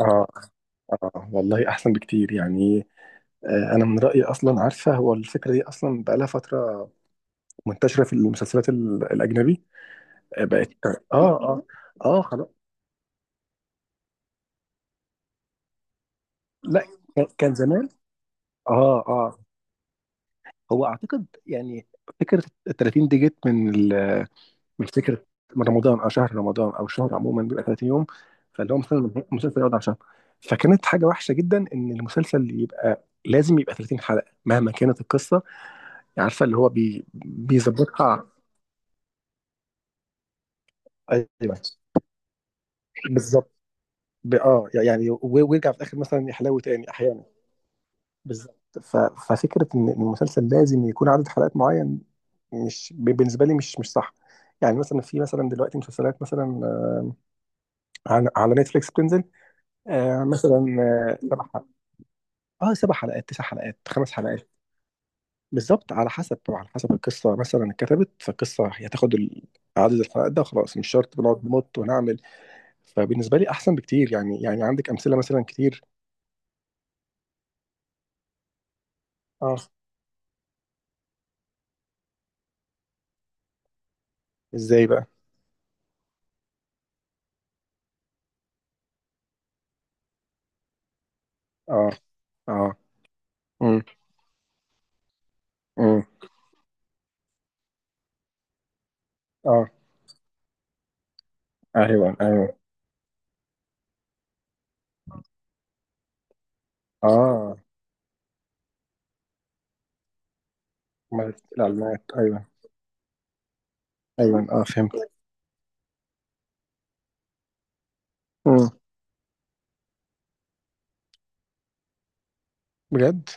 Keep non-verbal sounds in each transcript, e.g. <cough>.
اه، اه، والله احسن بكتير يعني. انا من رايي اصلا. عارفه هو الفكره دي اصلا بقى لها فتره منتشره في المسلسلات الاجنبي. آه، بقت، اه، اه. اه، خلاص. لا. كان زمان. اه، اه. هو اعتقد يعني فكره ال 30 دي جت من من فكره، من رمضان او شهر رمضان او الشهر عموما بيبقى 30 يوم. فاللي هو مثلا المسلسل يقعد على شهر. فكانت حاجه وحشه جدا ان المسلسل يبقى لازم يبقى 30 حلقه مهما كانت القصه، عارفه اللي هو بيظبطها. ايوه، بالظبط. يعني، ويرجع في الاخر مثلا يحلو تاني احيانا. بالظبط. ففكره ان المسلسل لازم يكون عدد حلقات معين مش بالنسبه لي مش صح. يعني مثلا في مثلا دلوقتي مسلسلات مثلا، على نتفليكس بتنزل، مثلا سبع حلقات. اه سبع حلقات، تسع حلقات، خمس حلقات. بالظبط، على حسب طبعا، على حسب القصه مثلا اتكتبت. فالقصه هتاخد عدد الحلقات ده وخلاص، مش شرط بنقعد نمط ونعمل. فبالنسبة لي أحسن بكتير يعني عندك أمثلة مثلا كتير؟ اه. إزاي بقى؟ آه، آه. أمم، أمم. آه. أيوه، أيوه. آه، مادة الإعلانات، أيوه. أيوه، آه، فهمت. أمم. بجد؟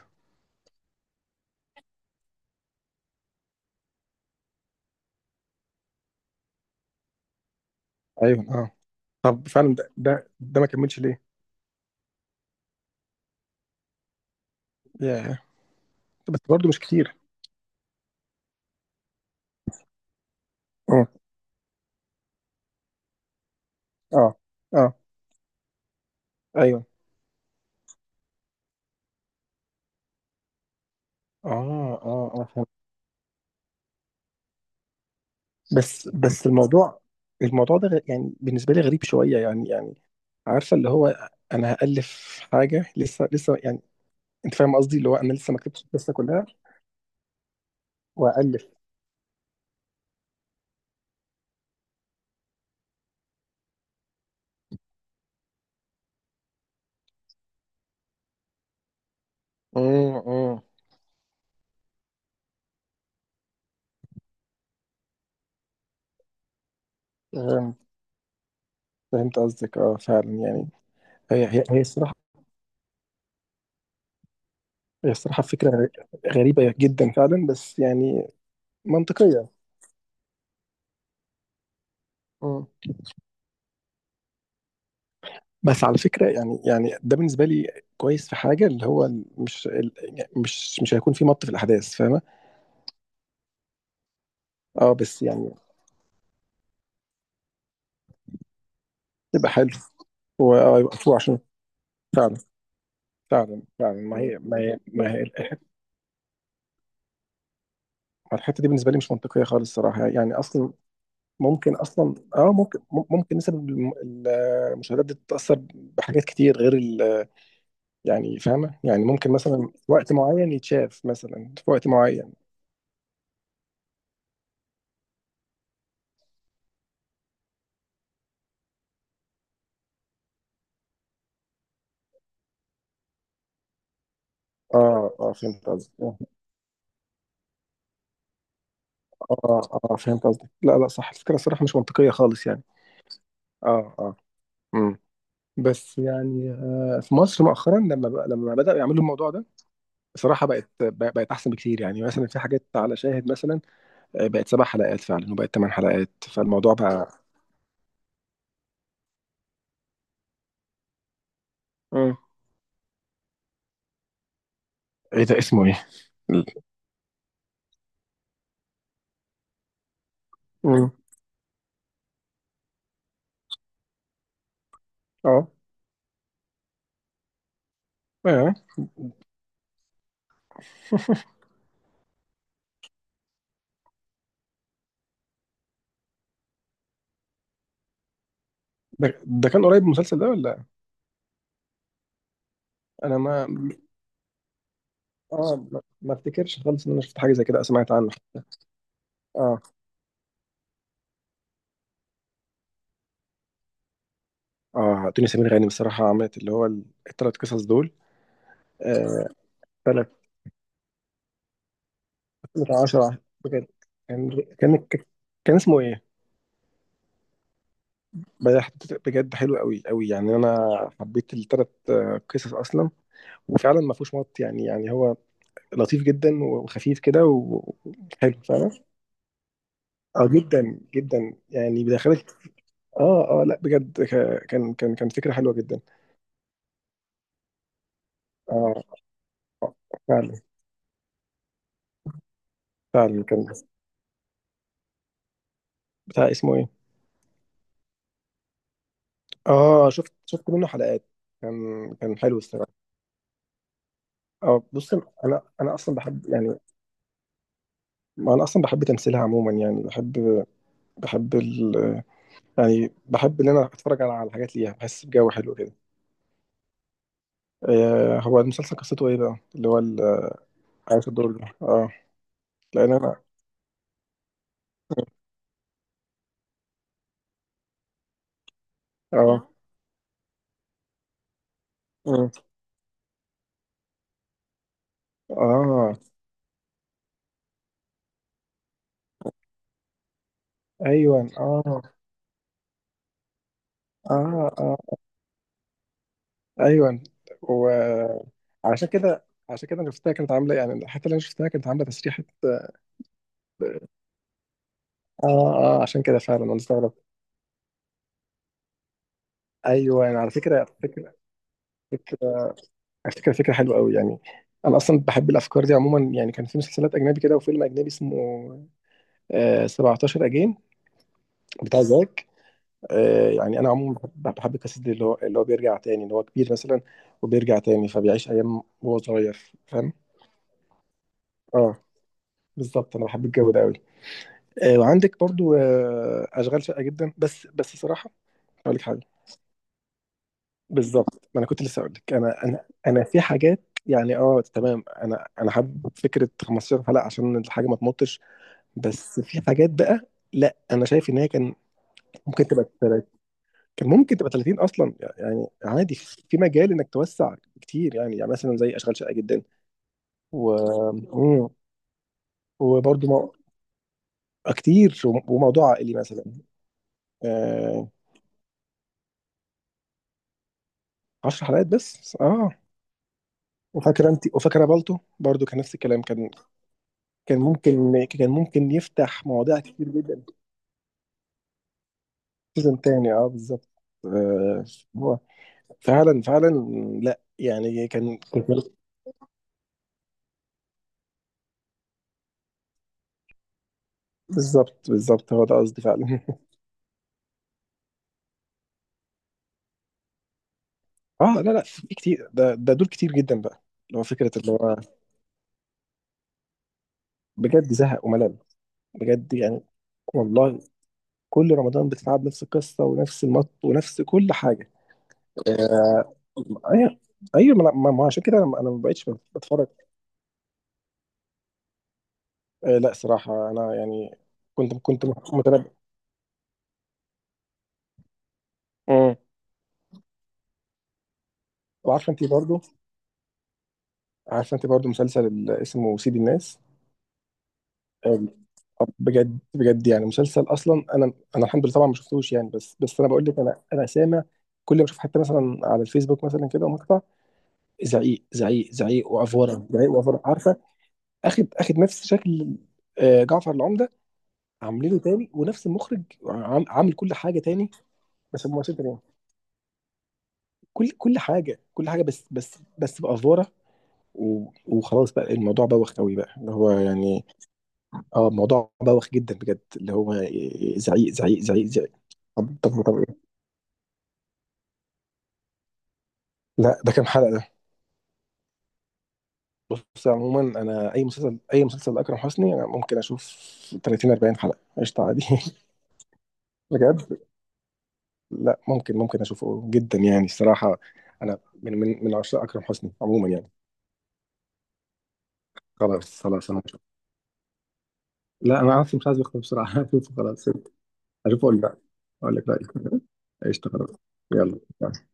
أيوه، آه. طب فعلا ده ما كملش ليه؟ ياه. بس برضه مش كتير. أمم. آه، آه. أيوه. آه، آه، آه، فهمت. بس الموضوع، الموضوع ده يعني بالنسبة لي غريب شوية، يعني عارفة اللي هو، أنا هألف حاجة لسه لسه يعني. انت فاهم قصدي؟ اللي هو انا لسه ما كتبتش القصه كلها والف. امم، امم. فهمت، فهمت قصدك. اه فعلا يعني. هي الصراحه، هي الصراحه فكره غريبه جدا فعلا، بس يعني منطقيه. امم. بس على فكره يعني، ده بالنسبه لي كويس في حاجه اللي هو مش يعني مش هيكون في مط في الاحداث، فاهمه؟ اه، بس يعني يبقى حلو. هو، يبقى حلو عشان فعلا، فعلا، فعلا. ما هي ما هي الحته دي بالنسبه لي مش منطقيه خالص الصراحه، يعني اصلا ممكن اصلا، ممكن، ممكن نسب المشاهدات دي تتاثر بحاجات كتير غير يعني فاهمه؟ يعني ممكن مثلا في وقت معين يتشاف، مثلا في وقت معين. اه، اه، فهمت قصدك، اه. اه، آه، فهمت قصدك، لا، لا، صح، الفكره الصراحه مش منطقيه خالص يعني. اه، اه. امم. بس يعني، في مصر مؤخرا لما بداوا يعملوا الموضوع ده بصراحه بقت احسن بكتير يعني، مثلا في حاجات على شاهد مثلا، آه، بقت سبع حلقات فعلا وبقت ثمان حلقات، فالموضوع بقى. مم. ايه ده؟ اسمه ايه؟ مم. اه، اه. <laughs> ده كان قريب من المسلسل ده ولا؟ انا ما. اه، ما افتكرش خالص ان انا شفت حاجه زي كده أو سمعت عنه. اه، اه، دنيا سمير غانم الصراحه عملت اللي هو الثلاث قصص دول. آه، ثلاث. آه. 10. بجد؟ كان. كان. كان اسمه ايه؟ بجد، بجد حلو قوي قوي يعني. انا حبيت الثلاث قصص اصلا، وفعلا ما فيهوش مط يعني. هو لطيف جدا، وخفيف كده، وحلو فعلا. اه، جدا جدا يعني بيدخلك. اه، اه، لا بجد كان فكرة حلوة جدا. اه، فعلا، فعلا. كان بتاع اسمه ايه؟ اه، شفت منه حلقات. كان حلو الصراحة. اه، بص انا، اصلا بحب يعني. ما انا اصلا بحب تمثيلها عموما يعني، بحب، بحب ال، يعني بحب ان انا اتفرج على، حاجات ليها، بحس بجو حلو كده. آه، هو المسلسل قصته ايه بقى، اللي هو عايش الدور ده؟ اه، لان انا. اه. مم. اه، ايوه، اه، اه، اه، ايوه. وعشان كده، عشان كده انا شفتها كانت عامله يعني، الحته اللي انا شفتها كانت عامله تسريحه، اه. اه، عشان كده فعلا انا استغرب. ايوه، يعني على فكره، فكره فكره حلوه قوي يعني. انا اصلا بحب الافكار دي عموما. يعني كان في مسلسلات اجنبي كده، وفيلم اجنبي اسمه 17 اجين بتاع زاك. آه، يعني انا عموما بحب، القصص دي، اللي هو بيرجع تاني، اللي هو كبير مثلا وبيرجع تاني فبيعيش ايام وهو صغير، فاهم؟ اه، بالظبط، انا بحب الجو ده قوي. آه، وعندك برضو، آه، اشغال شاقه جدا، بس صراحه اقول لك حاجه. بالظبط، ما انا كنت لسه اقول لك، انا في حاجات يعني، اه، تمام. انا حابب فكره 15 حلقه عشان الحاجه ما تمطش. بس في حاجات بقى، لا انا شايف ان هي كان ممكن تبقى كان ممكن تبقى 30 اصلا يعني عادي. في مجال انك توسع كتير يعني، مثلا زي اشغال شاقه جدا، و. مم. وبرضو مو، كتير. وموضوع عائلي مثلا، آه، 10 حلقات بس، اه. وفاكره انت؟ وفاكره بالتو برضو، كان نفس الكلام. كان، كان ممكن يفتح مواضيع كتير جدا. سيزون تاني، اه، بالظبط. آه، هو. فعلا، فعلا. لا يعني كان بالظبط، بالظبط هو ده قصدي فعلا. <laughs> اه، لا، لا، في كتير. ده ده دول كتير جدا بقى، اللي هو فكره، اللي هو بجد زهق وملل. بجد يعني. والله، كل رمضان بتتعب، نفس القصه ونفس المط ونفس كل حاجه. آه، ايوه، ايوه، ما ما عشان كده، انا، ما بقتش بتفرج. آه، لا صراحة أنا يعني كنت، متابع. مم. وعارفة أنت برضو؟ عارفة أنت برضو مسلسل اسمه سيد الناس؟ آه، بجد، بجد يعني مسلسل، أصلا أنا، الحمد لله طبعا ما شفتوش يعني، بس أنا بقول لك، أنا، سامع. كل ما أشوف حتى مثلا على الفيسبوك مثلا كده مقطع زعيق زعيق زعيق وأفورة، زعيق وأفورة، عارفة؟ أخد نفس شكل، آه، جعفر العمدة. عاملينه تاني، ونفس المخرج عامل كل حاجة تاني. بس هم ممثلين تانيين. كل حاجه، كل حاجه، بس بافوره، وخلاص بقى، الموضوع بوخ قوي بقى، اللي هو يعني، اه، الموضوع بوخ جدا بجد، اللي هو زعيق زعيق زعيق زعيق. طب إيه؟ لا ده كام حلقة ده؟ بص عموما انا، اي مسلسل، اكرم حسني انا ممكن اشوف 30 40 حلقة قشطة عادي. <laughs> بجد. لا، ممكن، اشوفه جدا يعني الصراحة. انا من، من عشاق اكرم حسني عموما يعني. خلاص، خلاص، انا هشوف. لا انا اصلا مش عايز اختم بسرعة. <laughs> هشوفه خلاص، اشوفه، اقول لك اقول لك رأيي. <laughs> قشطة خلاص. يلا.